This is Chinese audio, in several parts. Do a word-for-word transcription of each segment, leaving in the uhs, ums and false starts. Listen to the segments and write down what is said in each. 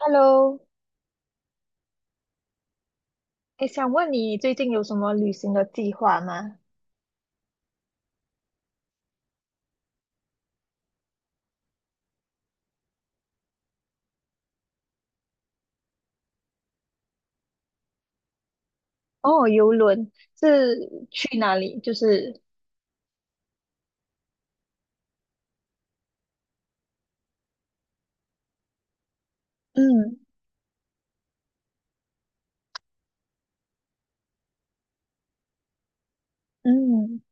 Hello，诶，想问你最近有什么旅行的计划吗？哦，游轮是去哪里？就是，嗯嗯，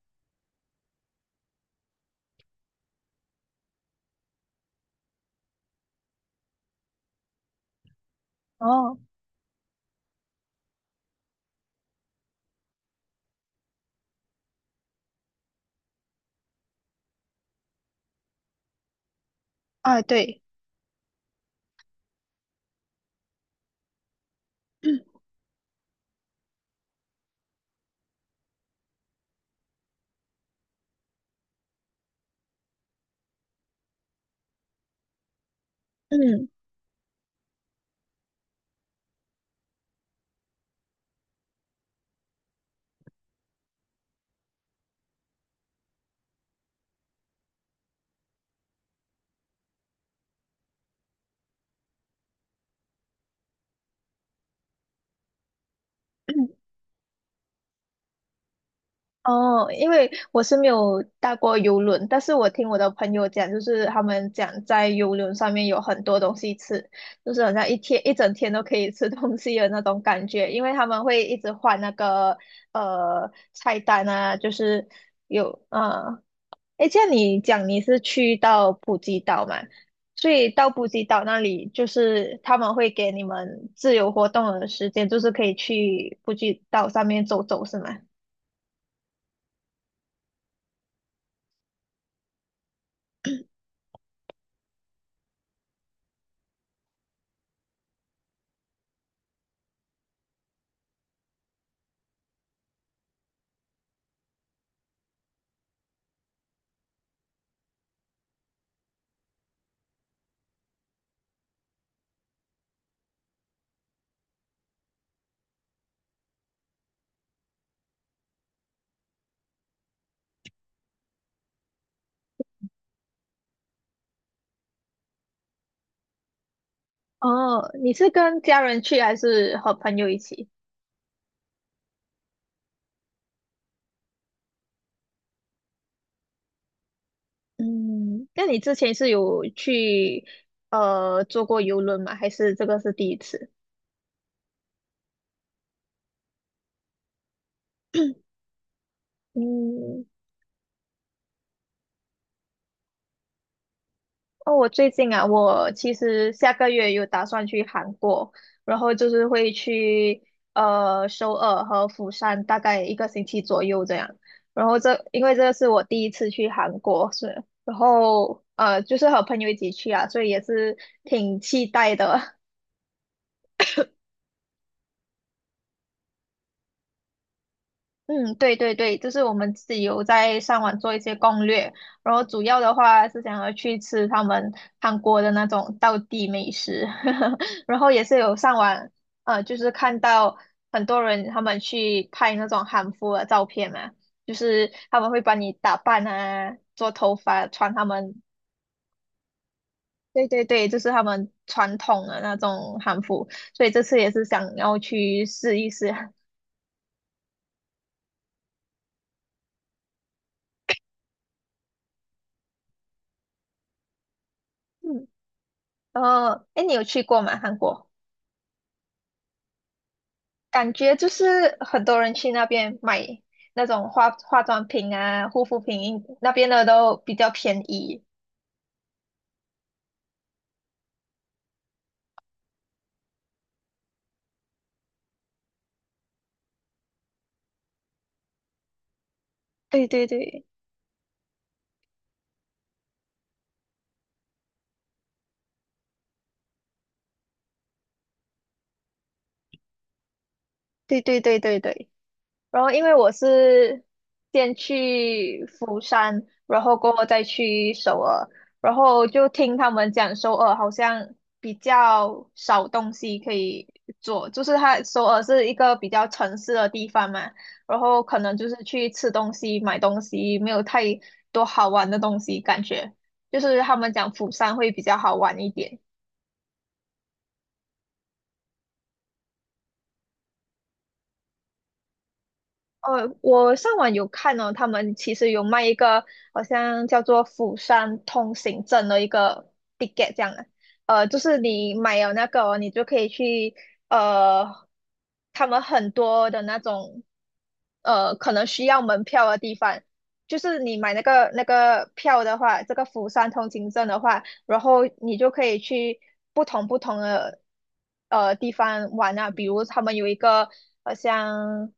哦，啊，对，嗯嗯，嗯哦，因为我是没有搭过游轮，但是我听我的朋友讲，就是他们讲在游轮上面有很多东西吃，就是好像一天一整天都可以吃东西的那种感觉，因为他们会一直换那个呃菜单啊，就是有啊。呃诶，这样你讲你是去到普吉岛嘛？所以到普吉岛那里，就是他们会给你们自由活动的时间，就是可以去普吉岛上面走走，是吗？哦，你是跟家人去还是和朋友一起？嗯，那你之前是有去呃坐过游轮吗？还是这个是第一次？嗯。哦，我最近啊，我其实下个月有打算去韩国，然后就是会去呃首尔和釜山，大概一个星期左右这样。然后这因为这是我第一次去韩国，是，然后呃就是和朋友一起去啊，所以也是挺期待的。嗯，对对对，就是我们自己有在上网做一些攻略，然后主要的话是想要去吃他们韩国的那种道地美食。然后也是有上网，呃，就是看到很多人他们去拍那种韩服的照片嘛，就是他们会帮你打扮啊，做头发，穿他们，对对对，就是他们传统的那种韩服，所以这次也是想要去试一试。嗯，然后，哎，你有去过吗？韩国？感觉就是很多人去那边买那种化化妆品啊、护肤品，那边的都比较便宜。对对对对对对对对。然后因为我是先去釜山，然后过后再去首尔，然后就听他们讲首尔好像比较少东西可以做，就是它首尔是一个比较城市的地方嘛，然后可能就是去吃东西、买东西，没有太多好玩的东西，感觉就是他们讲釜山会比较好玩一点。呃，我上网有看哦，他们其实有卖一个好像叫做釜山通行证的一个 ticket 这样的，呃，就是你买了那个哦你就可以去，呃，他们很多的那种呃，可能需要门票的地方，就是你买那个那个票的话，这个釜山通行证的话，然后你就可以去不同不同的呃地方玩啊，比如他们有一个好像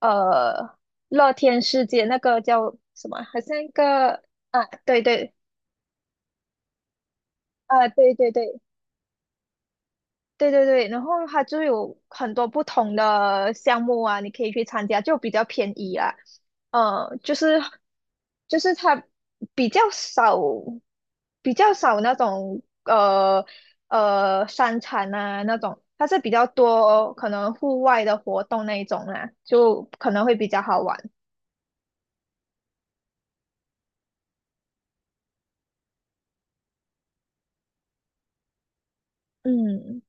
呃乐天世界那个叫什么，好像一个啊，对对啊，对对对，对对对，然后它就有很多不同的项目啊，你可以去参加，就比较便宜啦。呃，就是就是它比较少，比较少那种呃呃商场啊那种，它是比较多可能户外的活动那一种啦，就可能会比较好玩。嗯。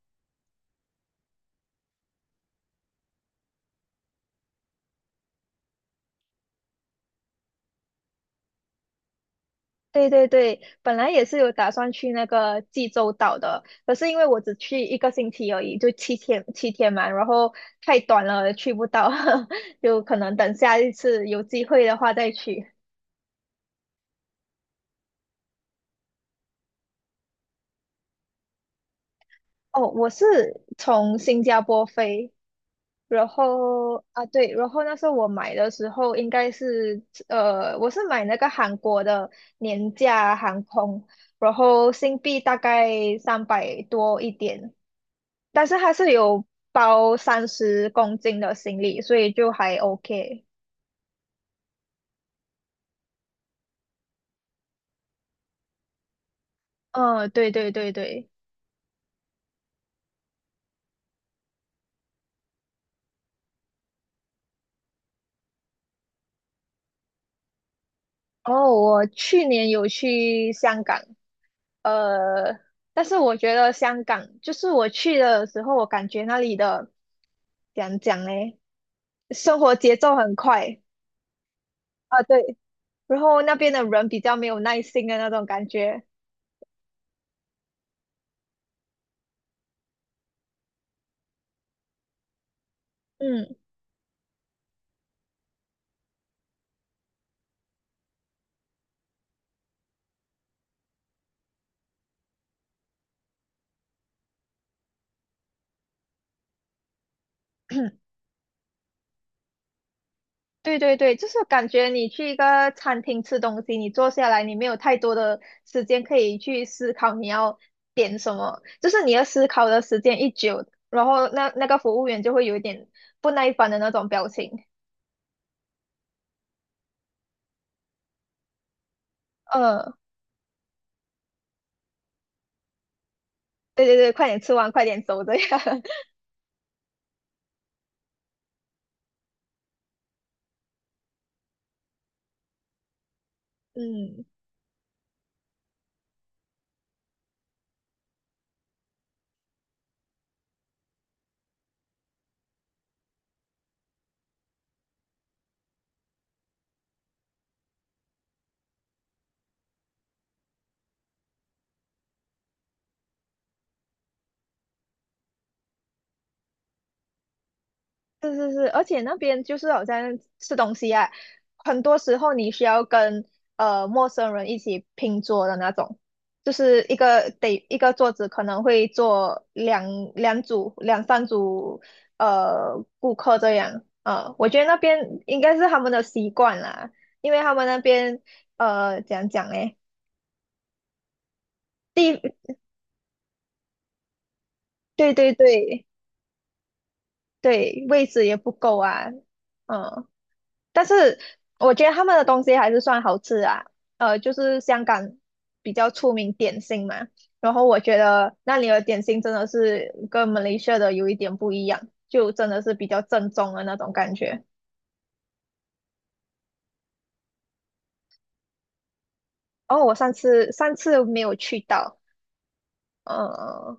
对对对，本来也是有打算去那个济州岛的，可是因为我只去一个星期而已，就七天七天嘛，然后太短了，去不到。有可能等下一次有机会的话再去。哦，我是从新加坡飞，然后啊对，然后那时候我买的时候应该是，呃，我是买那个韩国的年价航空，然后新币大概三百多一点。但是它是有包三十公斤的行李，所以就还 OK。嗯，对对对对。哦，我去年有去香港，呃，但是我觉得香港就是我去的时候，我感觉那里的怎样讲嘞，生活节奏很快啊，对，然后那边的人比较没有耐心的那种感觉，嗯。对对对，就是感觉你去一个餐厅吃东西，你坐下来，你没有太多的时间可以去思考你要点什么，就是你要思考的时间一久，然后那那个服务员就会有一点不耐烦的那种表情。嗯，对对对，快点吃完，快点走这样。嗯，是是是，而且那边就是好像吃东西啊，很多时候你需要跟呃陌生人一起拼桌的那种，就是一个得一个桌子可能会坐两两组两三组呃顾客这样，呃，我觉得那边应该是他们的习惯啦，因为他们那边呃怎样讲嘞，地对对对对，位置也不够啊，嗯、但是我觉得他们的东西还是算好吃啊，呃，就是香港比较出名点心嘛，然后我觉得那里的点心真的是跟马来西亚的有一点不一样，就真的是比较正宗的那种感觉。哦，我上次上次没有去到，呃，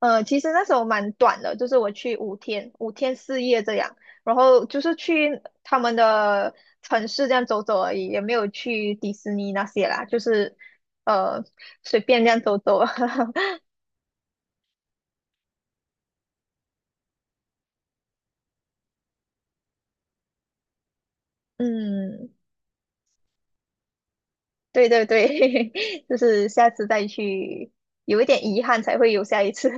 呃，其实那时候蛮短的，就是我去五天，五天四夜这样，然后就是去他们的城市这样走走而已，也没有去迪士尼那些啦，就是呃随便这样走走。嗯，对对对，就是下次再去，有一点遗憾才会有下一次。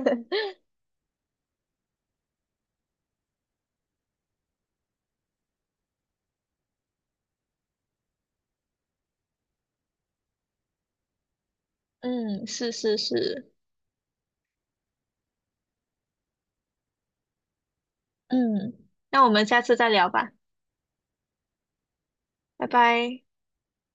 嗯，是是是，嗯，那我们下次再聊吧，拜拜。